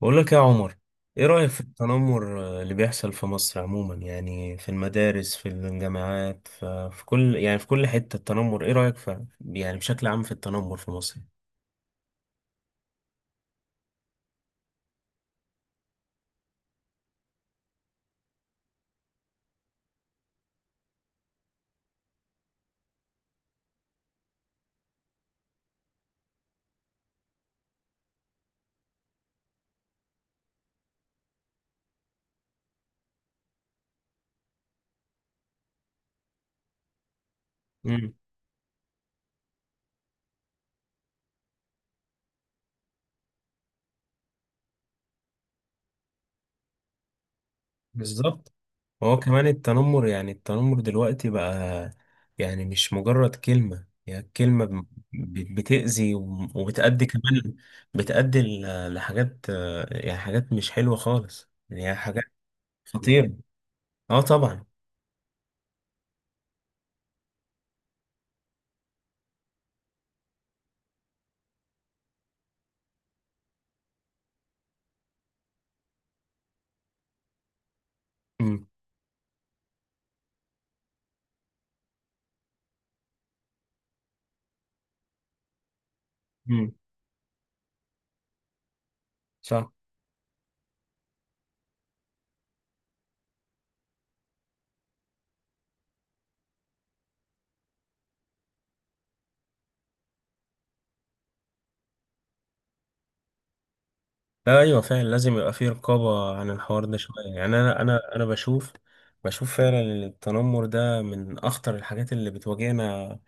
بقول لك يا عمر. ايه رأيك في التنمر، اللي بيحصل في مصر عموما، يعني في المدارس، في الجامعات، في كل، يعني في كل حتة التنمر؟ ايه رأيك، في يعني بشكل عام، في التنمر في مصر؟ امم بالظبط. هو كمان التنمر، يعني التنمر دلوقتي بقى، يعني مش مجرد كلمة، يعني الكلمة بتأذي، وبتأدي كمان، بتأدي لحاجات، يعني حاجات مش حلوة خالص، يعني حاجات خطيرة. اه طبعا. امم امم صح. ايوه، فعلا لازم يبقى في رقابه عن الحوار ده شويه، يعني انا بشوف، فعلا إن التنمر ده من اخطر الحاجات اللي بتواجهنا،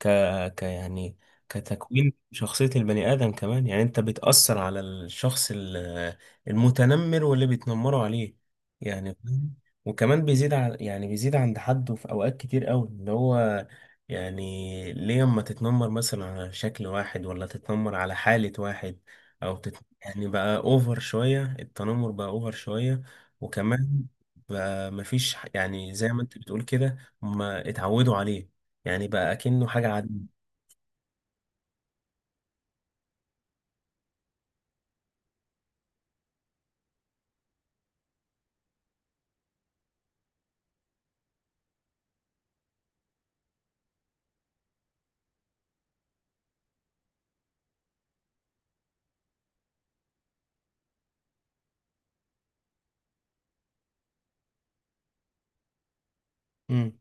ك... ك يعني كتكوين شخصية البني آدم كمان، يعني أنت بتأثر على الشخص المتنمر واللي بيتنمروا عليه، يعني فاهم؟ وكمان بيزيد، يعني بيزيد عند حده في أوقات كتير أوي، اللي هو يعني ليه أما تتنمر مثلا على شكل واحد، ولا تتنمر على حالة واحد، أو يعني بقى أوفر شوية، التنمر بقى أوفر شوية. وكمان بقى مفيش، يعني زي ما أنت بتقول كده، هما اتعودوا عليه، يعني بقى كأنه حاجة عادية. امم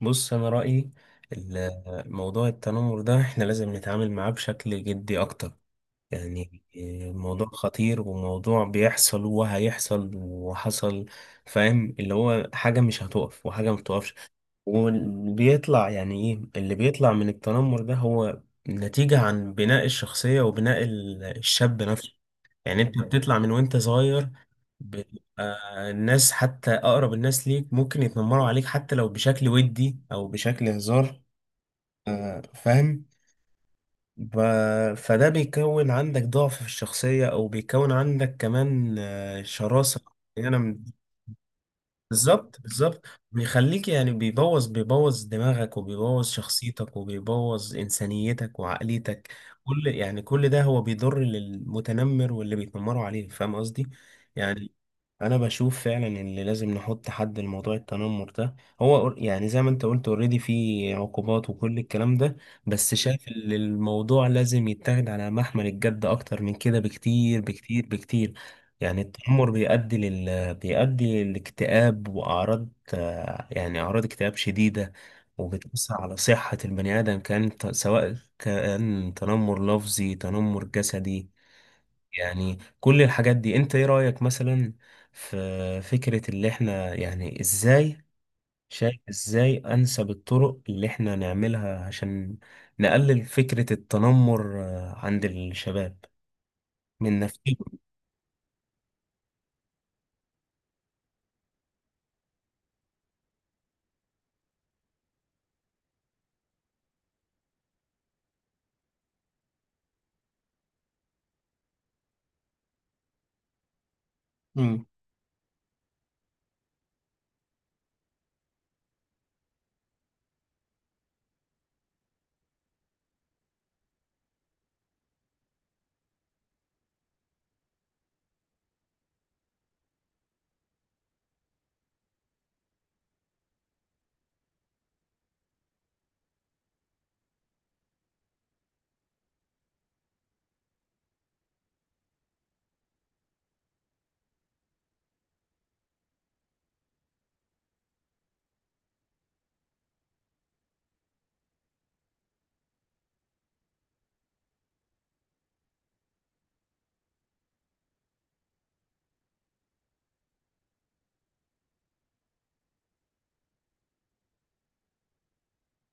بص، أنا رأيي موضوع التنمر ده إحنا لازم نتعامل معاه بشكل جدي أكتر، يعني الموضوع خطير، وموضوع بيحصل وهيحصل وحصل، فاهم اللي هو حاجة مش هتقف وحاجة ما بتقفش. وبيطلع، يعني إيه اللي بيطلع من التنمر ده؟ هو نتيجة عن بناء الشخصية وبناء الشاب نفسه، يعني أنت بتطلع من وأنت صغير بتبقى، الناس حتى أقرب الناس ليك ممكن يتنمروا عليك، حتى لو بشكل ودي أو بشكل هزار، فاهم. ب... فده بيكون عندك ضعف في الشخصية، أو بيكون عندك كمان شراسة، يعني أنا بالظبط بالظبط. بيخليك، يعني بيبوظ، دماغك، وبيبوظ شخصيتك، وبيبوظ إنسانيتك وعقليتك. كل، يعني كل ده هو بيضر للمتنمر واللي بيتنمروا عليه، فاهم قصدي؟ يعني انا بشوف فعلا ان لازم نحط حد لموضوع التنمر ده، هو يعني زي ما انت قلت، اوريدي في عقوبات وكل الكلام ده، بس شايف ان الموضوع لازم يتاخد على محمل الجد اكتر من كده بكتير بكتير بكتير. يعني التنمر بيؤدي لل بيؤدي للاكتئاب واعراض، يعني اعراض اكتئاب شديدة، وبتأثر على صحة البني آدم، سواء كان تنمر لفظي، تنمر جسدي، يعني كل الحاجات دي. انت ايه رأيك مثلا في فكرة اللي احنا، يعني ازاي شايف، ازاي انسب الطرق اللي احنا نعملها عشان نقلل فكرة التنمر، عند الشباب من نفسهم؟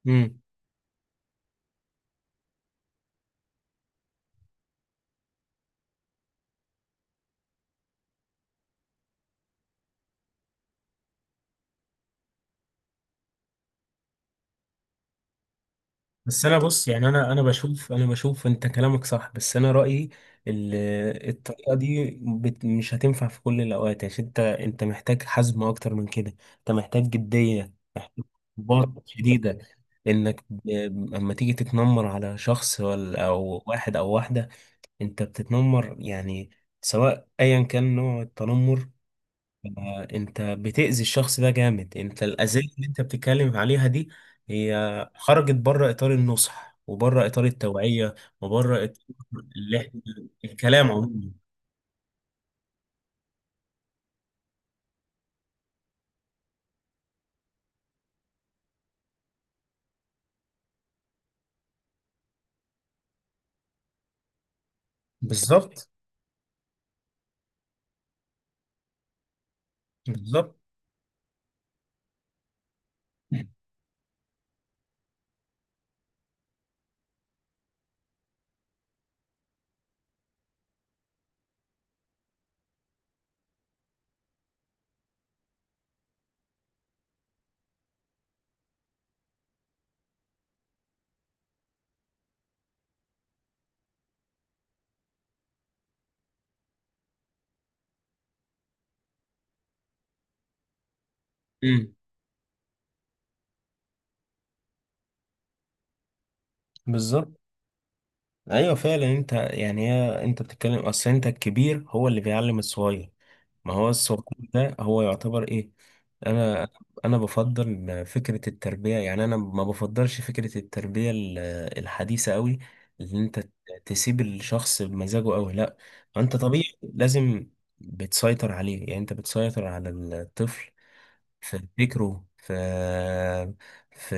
مم. بس انا بص، يعني انا بشوف، انت كلامك صح، بس انا رايي ال- الطريقه دي مش هتنفع في كل الاوقات، عشان انت محتاج حزم اكتر من كده، انت محتاج جديه، محتاج ضباط شديده، انك اما تيجي تتنمر على شخص، ولا او واحد او واحده، انت بتتنمر، يعني سواء ايا كان نوع التنمر، انت بتأذي الشخص ده جامد. انت الأذية، مم، اللي انت بتتكلم عليها دي هي خرجت بره إطار النصح، وبره إطار التوعية، وبره إطار اللي احنا الكلام عموما. بالظبط بالظبط. مم. بالظبط. ايوه فعلا، انت يعني هي انت بتتكلم، اصل انت الكبير هو اللي بيعلم الصغير، ما هو الصغير ده هو يعتبر ايه؟ انا انا بفضل فكره التربيه، يعني انا ما بفضلش فكره التربيه الحديثه قوي، اللي انت تسيب الشخص بمزاجه قوي، لا، انت طبيعي لازم بتسيطر عليه، يعني انت بتسيطر على الطفل في فكره، في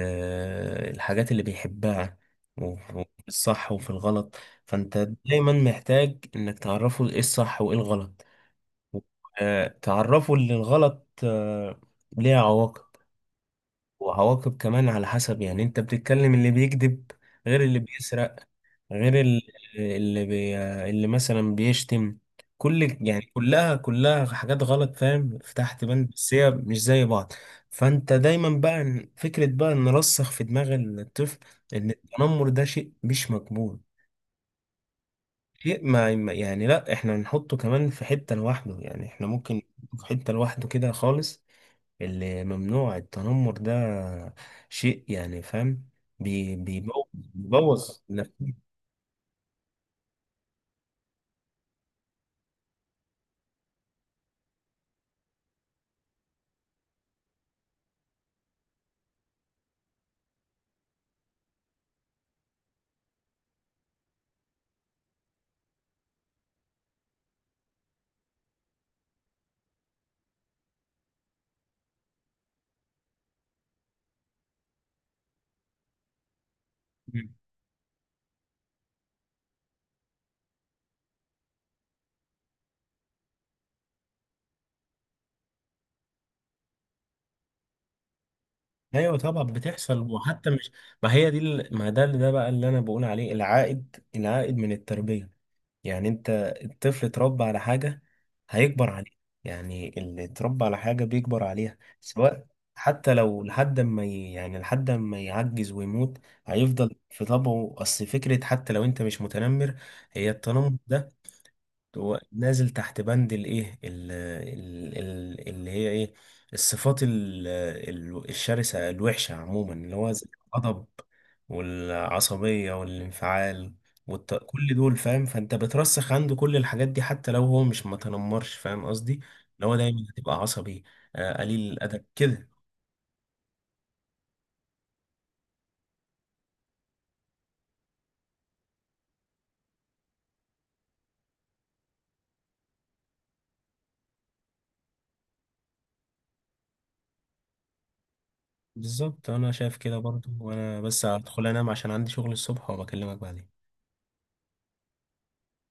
الحاجات اللي بيحبها، وفي الصح وفي الغلط. فانت دايما محتاج انك تعرفه ايه الصح وايه الغلط، تعرفه ان الغلط، ليه عواقب. وعواقب كمان على حسب، يعني انت بتتكلم اللي بيكذب غير اللي بيسرق غير اللي بي اللي مثلا بيشتم، كل، يعني كلها كلها حاجات غلط، فاهم فتحت بند، بس هي مش زي بعض. فانت دايما بقى، فكرة بقى نرسخ في دماغ الطفل ان التنمر ده شيء مش مقبول، شيء يعني لا، احنا نحطه كمان في حتة لوحده، يعني احنا ممكن نحطه في حتة لوحده كده خالص، اللي ممنوع، التنمر ده شيء يعني، فاهم، بيبوظ بيبوظ. لا. ايوه طبعا بتحصل، وحتى مش، ما هي دي ما ده، اللي ده بقى اللي انا بقول عليه العائد، من التربيه، يعني انت الطفل اتربى على حاجه هيكبر عليها، يعني اللي اتربى على حاجه بيكبر عليها سواء، حتى لو لحد ما يعني لحد ما يعجز ويموت، هيفضل في طبعه. اصل فكره، حتى لو انت مش متنمر، هي التنمر ده هو نازل تحت بند الايه، اللي هي ايه، الصفات الشرسة الوحشة عموما، اللي هو زي الغضب والعصبية والانفعال كل دول، فاهم، فانت بترسخ عنده كل الحاجات دي حتى لو هو مش متنمرش، فاهم قصدي؟ اللي هو دايما هتبقى عصبي، قليل الادب كده. بالظبط، انا شايف كده برضو، وانا بس هدخل انام عشان عندي شغل الصبح، وبكلمك بعدين.